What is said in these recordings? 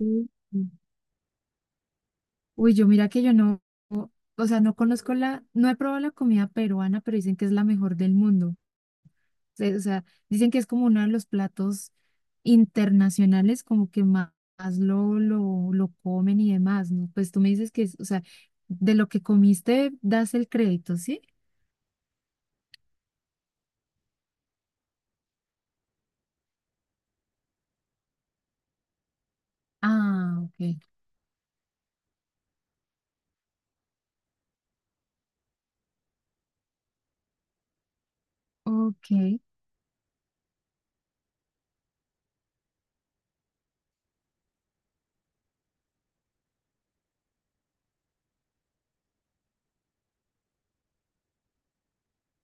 Mm. Uy, yo mira que yo no, o sea, no conozco no he probado la comida peruana, pero dicen que es la mejor del mundo. O sea, dicen que es como uno de los platos internacionales, como que más, más lo comen y demás, ¿no? Pues tú me dices que es, o sea, de lo que comiste das el crédito, ¿sí? Ah, ok. Ok,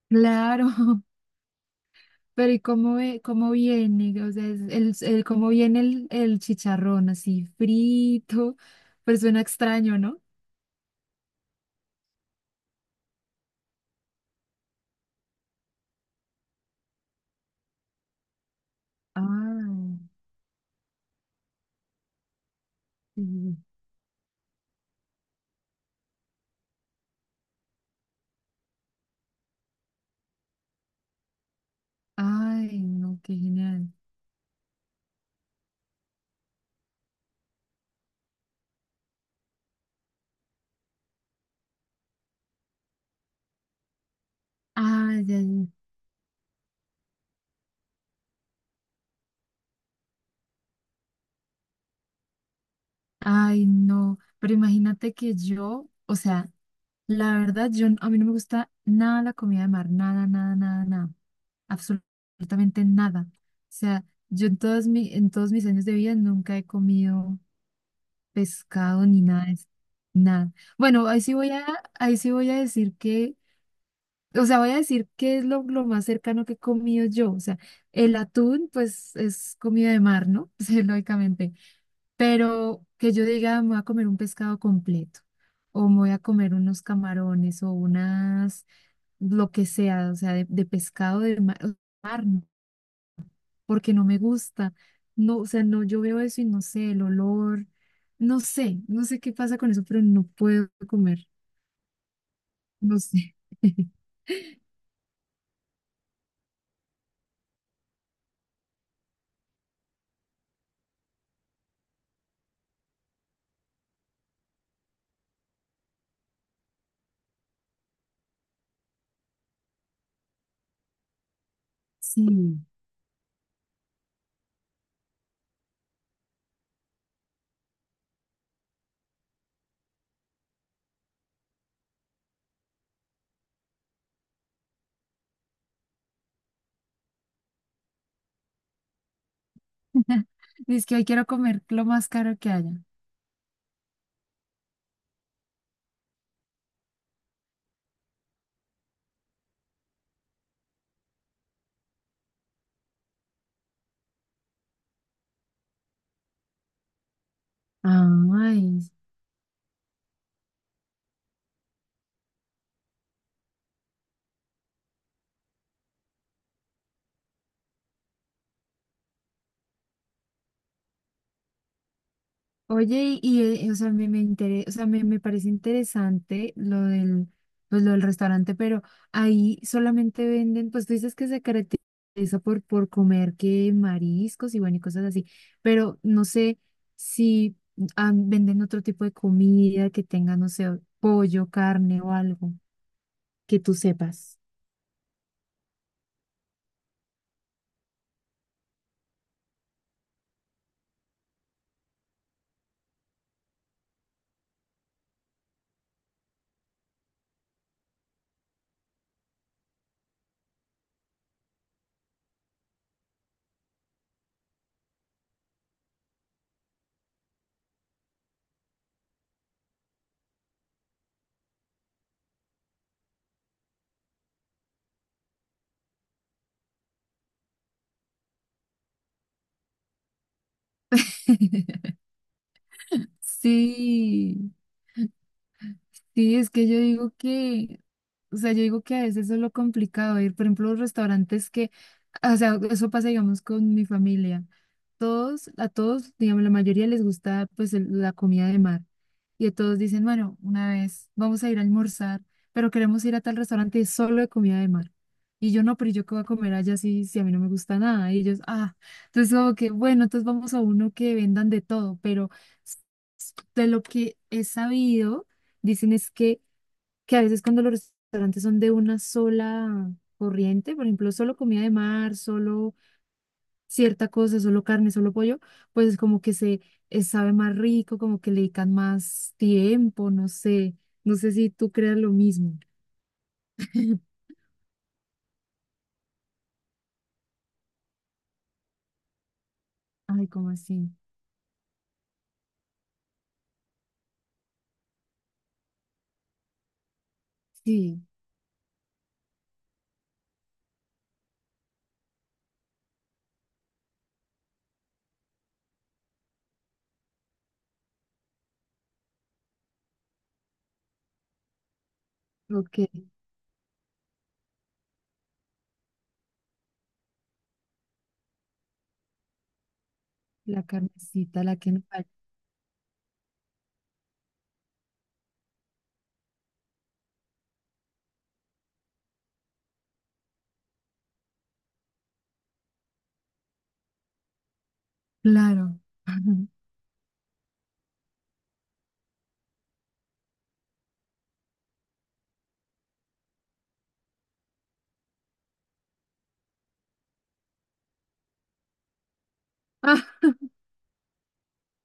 claro. Pero ¿y cómo, cómo viene? O sea, es ¿cómo viene el chicharrón así frito? Pues suena extraño, ¿no? Ah, sí. Ay, no, qué genial. Ay, ay, ay, ay, no. Pero imagínate que yo, o sea, la verdad, yo, a mí no me gusta nada la comida de mar, nada, nada, nada, nada, absolutamente nada. O sea, yo en en todos mis años de vida nunca he comido pescado ni nada de eso, nada. Bueno, ahí sí voy a decir que, o sea, voy a decir que es lo más cercano que he comido yo. O sea, el atún, pues, es comida de mar, ¿no? Sí, lógicamente. Pero que yo diga, me voy a comer un pescado completo, o me voy a comer unos camarones, o unas, lo que sea, o sea, de pescado de mar, porque no me gusta. No, o sea, no, yo veo eso y no sé, el olor, no sé qué pasa con eso, pero no puedo comer, no sé. Sí. Es que hoy quiero comer lo más caro que haya. Ay. Oye, o sea, o sea, me parece interesante pues, lo del restaurante, pero ahí solamente venden, pues tú dices que se caracteriza por comer que mariscos y bueno, y cosas así, pero no sé si venden otro tipo de comida que tenga, no sé, pollo, carne o algo que tú sepas. Sí. Sí, es que o sea, yo digo que a veces eso es lo complicado, ir, por ejemplo, a los restaurantes que, o sea, eso pasa, digamos, con mi familia. A todos, digamos, la mayoría les gusta, pues, la comida de mar. Y a todos dicen, bueno, una vez vamos a ir a almorzar, pero queremos ir a tal restaurante solo de comida de mar. Y yo no, pero yo qué voy a comer allá si, a mí no me gusta nada. Y ellos, ah, entonces como que, bueno, entonces vamos a uno que vendan de todo, pero de lo que he sabido, dicen es que a veces cuando los restaurantes son de una sola corriente, por ejemplo, solo comida de mar, solo cierta cosa, solo carne, solo pollo, pues es como que se sabe más rico, como que le dedican más tiempo, no sé si tú creas lo mismo. Ay, ¿cómo así? Sí, ok, la carnecita, la que no falla. Claro. Ah,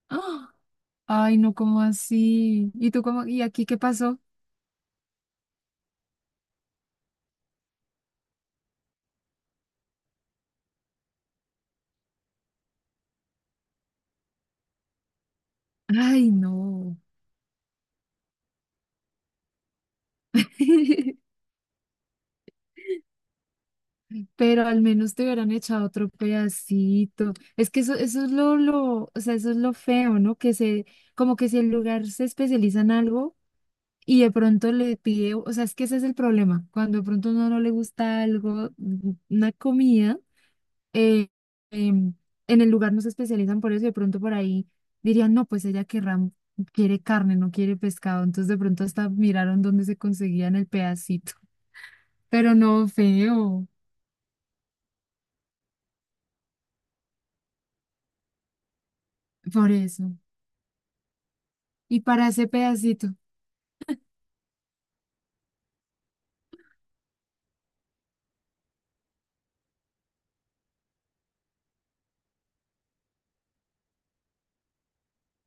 ah, ay, no, ¿cómo así? ¿Y tú cómo? ¿Y aquí qué pasó? Ay, no. Pero al menos te hubieran echado otro pedacito. Es que eso, o sea, eso es lo feo, ¿no? Que se, como que si el lugar se especializa en algo y de pronto le pide, o sea, es que ese es el problema. Cuando de pronto a uno no le gusta algo, una comida, eh, em, en el lugar no se especializan por eso y de pronto por ahí dirían, no, pues ella quiere carne, no quiere pescado. Entonces de pronto hasta miraron dónde se conseguían el pedacito. Pero no, feo, por eso. Y para ese pedacito,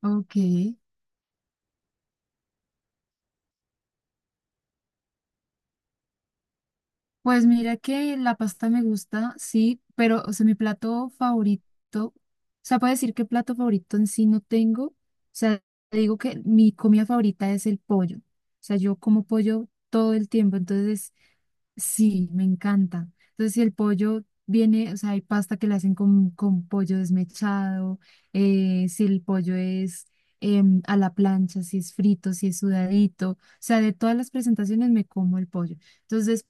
ok. Pues mira que la pasta me gusta, sí, pero, o sea, mi plato favorito, o sea, puedo decir que plato favorito en sí no tengo. O sea, te digo que mi comida favorita es el pollo. O sea, yo como pollo todo el tiempo, entonces sí, me encanta. Entonces, si el pollo viene, o sea, hay pasta que la hacen con pollo desmechado, si el pollo es a la plancha, si es frito, si es sudadito, o sea, de todas las presentaciones me como el pollo. Entonces,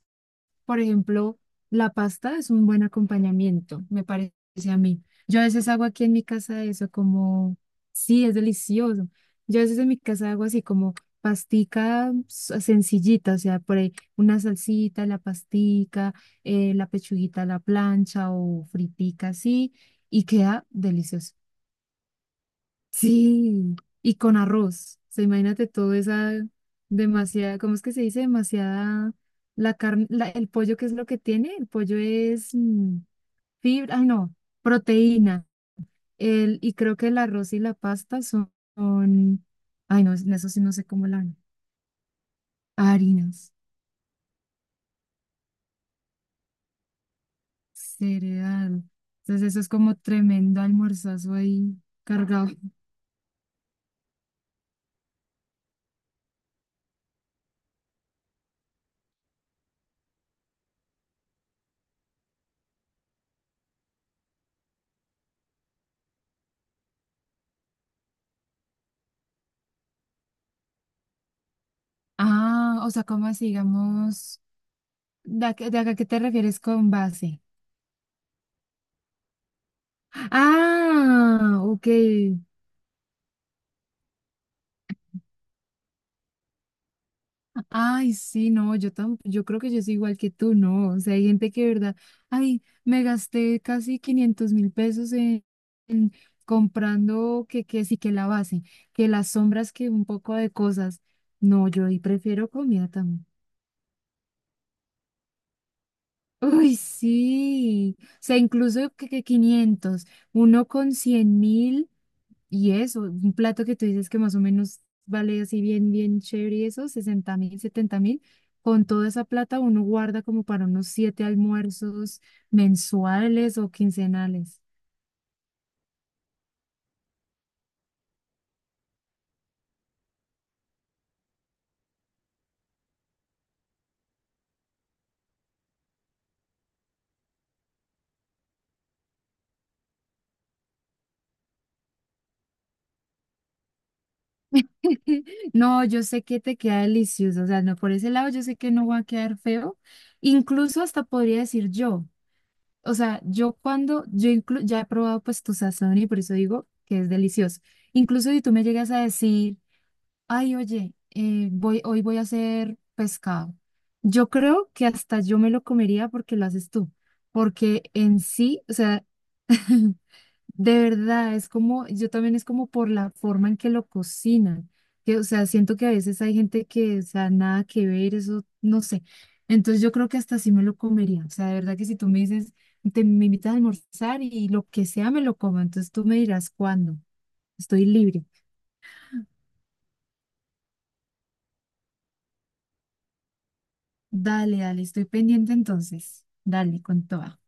por ejemplo, la pasta es un buen acompañamiento, me parece a mí. Yo a veces hago aquí en mi casa eso, como, sí, es delicioso. Yo a veces en mi casa hago así como pastica sencillita, o sea, por ahí una salsita, la pastica, la pechuguita a la plancha o fritica así, y queda delicioso. Sí, y con arroz. O sea, imagínate toda esa demasiada, ¿cómo es que se dice? Demasiada la carne, el pollo, ¿qué es lo que tiene? El pollo es fibra, ay no, proteína. El, y creo que el arroz y la pasta son, ay no, en eso sí no sé cómo la llaman, harinas, cereal. Entonces eso es como tremendo almorzazo ahí cargado. Ah, o sea, ¿cómo así, digamos, de, de acá, qué te refieres con base? Ah, ok. Ay, sí, no, yo yo creo que yo soy igual que tú, ¿no? O sea, hay gente que, de verdad, ay, me gasté casi 500.000 pesos en comprando que sí, que la base, que las sombras, que un poco de cosas. No, yo ahí prefiero comida también. Uy, sí. O sea, incluso que 500, uno con 100.000. Y eso, un plato que tú dices que más o menos vale así bien, bien chévere y eso, 60.000, 70.000, con toda esa plata uno guarda como para unos siete almuerzos mensuales o quincenales. No, yo sé que te queda delicioso, o sea, no, por ese lado yo sé que no va a quedar feo, incluso hasta podría decir yo, o sea, yo cuando, yo inclu- ya he probado pues tu sazón y por eso digo que es delicioso, incluso si tú me llegas a decir... Ay, oye, hoy voy a hacer pescado. Yo creo que hasta yo me lo comería porque lo haces tú, porque en sí, o sea, de verdad, es como, yo también es como por la forma en que lo cocinan, que, o sea, siento que a veces hay gente que, o sea, nada que ver, eso, no sé. Entonces yo creo que hasta sí me lo comería, o sea, de verdad que si tú me dices, te, me invitas a almorzar y lo que sea me lo como, entonces tú me dirás cuándo, estoy libre. Dale, dale, estoy pendiente entonces. Dale, con toda.